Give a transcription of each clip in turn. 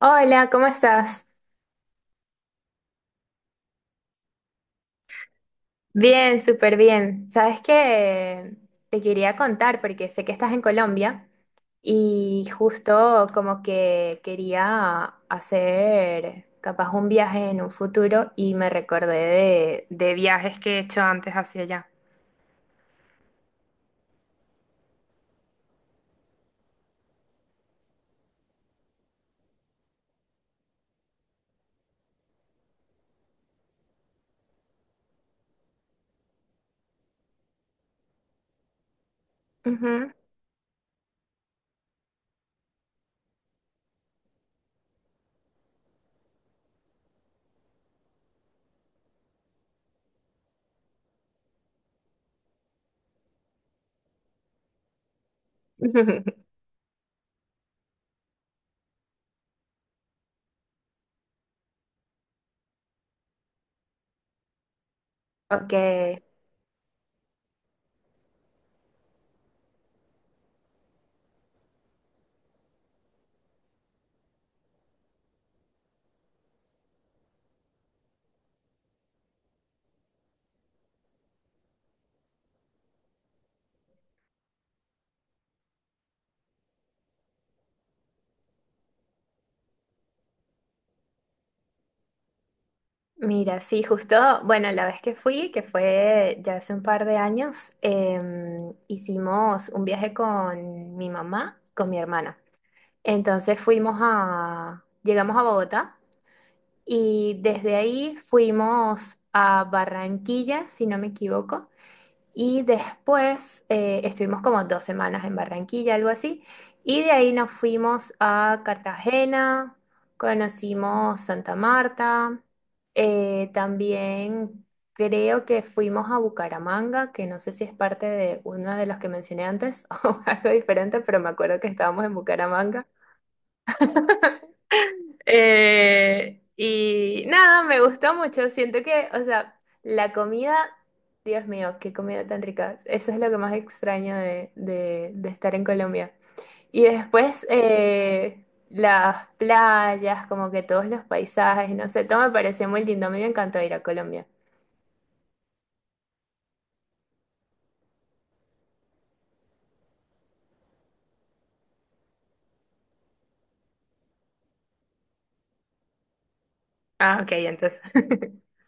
Hola, ¿cómo estás? Bien, súper bien. ¿Sabes que? Te quería contar porque sé que estás en Colombia y justo como que quería hacer capaz un viaje en un futuro y me recordé de viajes que he hecho antes hacia allá. Ujú. Ok, mira, sí, justo, bueno, la vez que fui, que fue ya hace un par de años, hicimos un viaje con mi mamá, con mi hermana. Entonces fuimos a, llegamos a Bogotá y desde ahí fuimos a Barranquilla, si no me equivoco, y después estuvimos como dos semanas en Barranquilla, algo así, y de ahí nos fuimos a Cartagena, conocimos Santa Marta, también creo que fuimos a Bucaramanga, que no sé si es parte de uno de los que mencioné antes o algo diferente, pero me acuerdo que estábamos en Bucaramanga. Y nada, me gustó mucho. Siento que, o sea, la comida, Dios mío, qué comida tan rica. Eso es lo que más extraño de estar en Colombia. Y después las playas, como que todos los paisajes, no sé, todo me pareció muy lindo. A mí me encantó ir a Colombia. Ah, ok, entonces.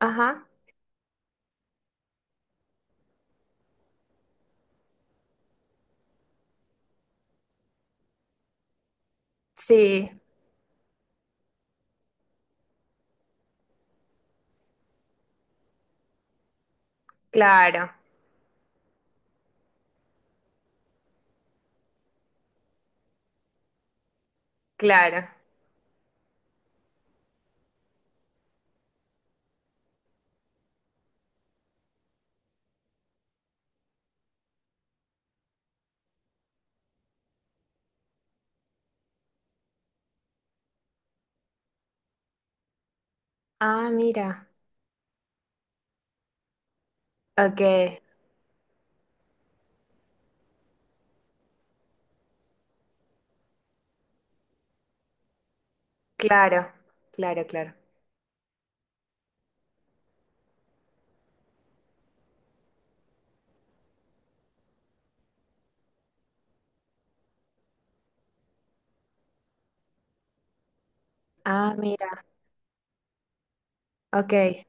Ajá. Sí, claro, claro. Ah, mira. Ok, claro, claro, claro. Ah, mira, ok.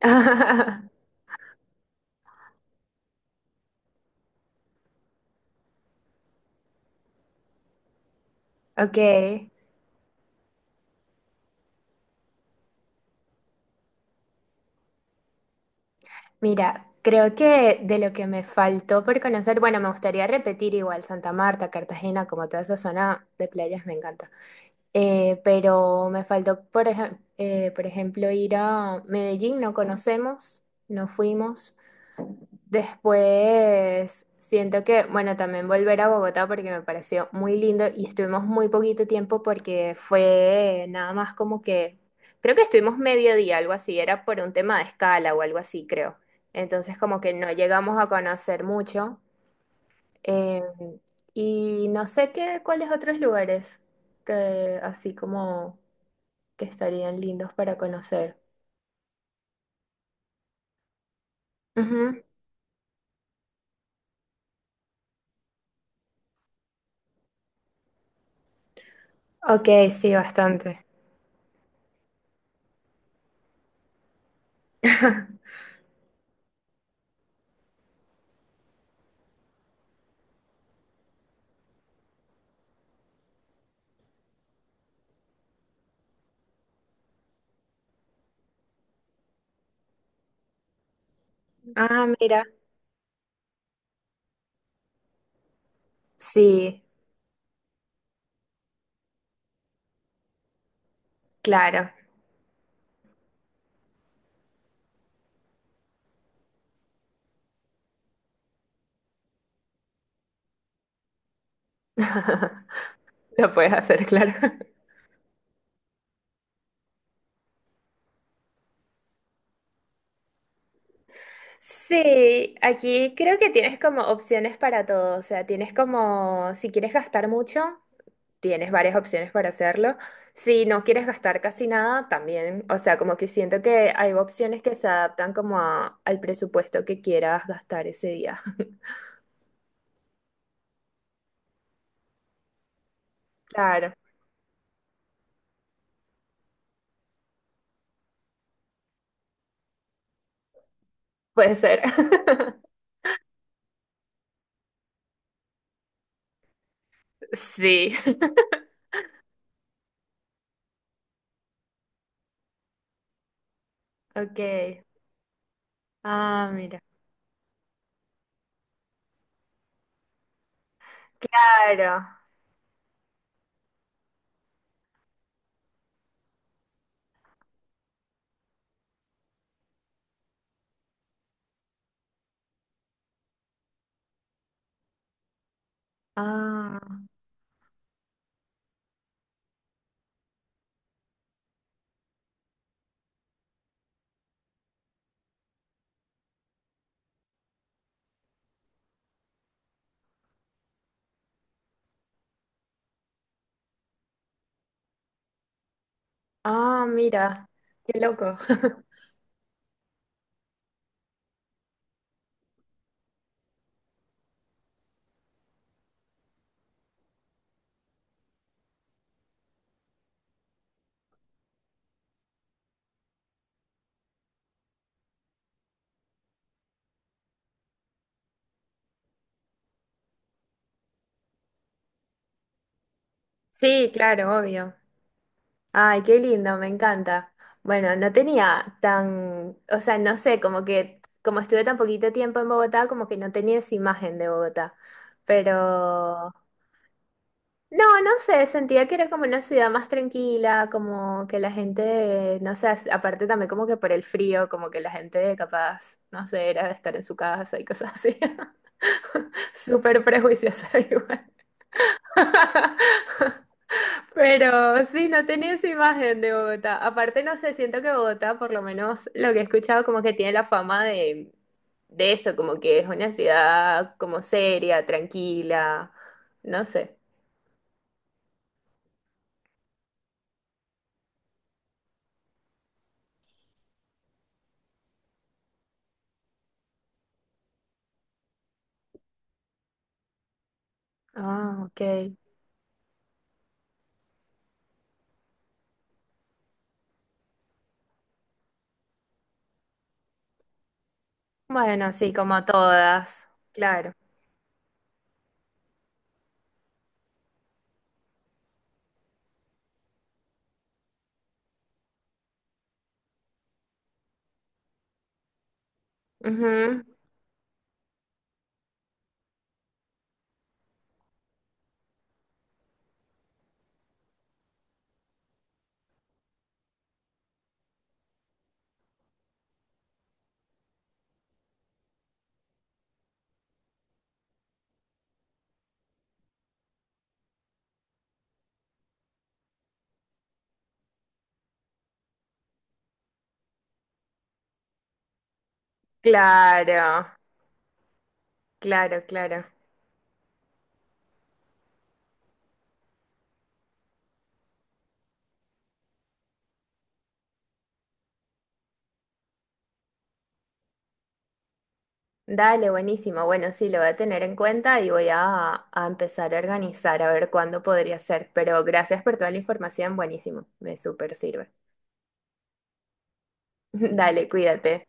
Ok, mira, creo que de lo que me faltó por conocer, bueno, me gustaría repetir igual Santa Marta, Cartagena, como toda esa zona de playas me encanta. Pero me faltó, por ejemplo, ir a Medellín, no conocemos, no fuimos. Después siento que, bueno, también volver a Bogotá porque me pareció muy lindo y estuvimos muy poquito tiempo porque fue nada más como que, creo que estuvimos medio día, algo así, era por un tema de escala o algo así, creo. Entonces como que no llegamos a conocer mucho. eh, y no sé qué, cuáles otros lugares que así como que estarían lindos para conocer. Ujú. Ok, sí, bastante. Ah, mira, sí. Claro, lo puedes hacer, claro. Sí, aquí creo que tienes como opciones para todo, o sea, tienes como, si quieres gastar mucho, tienes varias opciones para hacerlo, si no quieres gastar casi nada, también, o sea, como que siento que hay opciones que se adaptan como al presupuesto que quieras gastar ese día. Claro, puede ser. Sí. Ok. Ah, mira. Claro. Ah, ah, mira. Qué loco. Sí, claro, obvio. Ay, qué lindo, me encanta. Bueno, no tenía tan, o sea, no sé, como que como estuve tan poquito tiempo en Bogotá, como que no tenía esa imagen de Bogotá. Pero, no, no sé, sentía que era como una ciudad más tranquila, como que la gente, no sé, aparte también como que por el frío, como que la gente capaz, no sé, era de estar en su casa y cosas así. Súper prejuiciosa igual. Pero sí, no tenía esa imagen de Bogotá. Aparte, no sé, siento que Bogotá, por lo menos lo que he escuchado, como que tiene la fama de eso, como que es una ciudad como seria, tranquila, no sé. Ah, ok. Bueno, sí, como todas, claro. Ujú. Claro, claro, claro. Dale, buenísimo. Bueno, sí, lo voy a tener en cuenta y voy a empezar a organizar a ver cuándo podría ser. Pero gracias por toda la información, buenísimo. Me súper sirve. Dale, cuídate.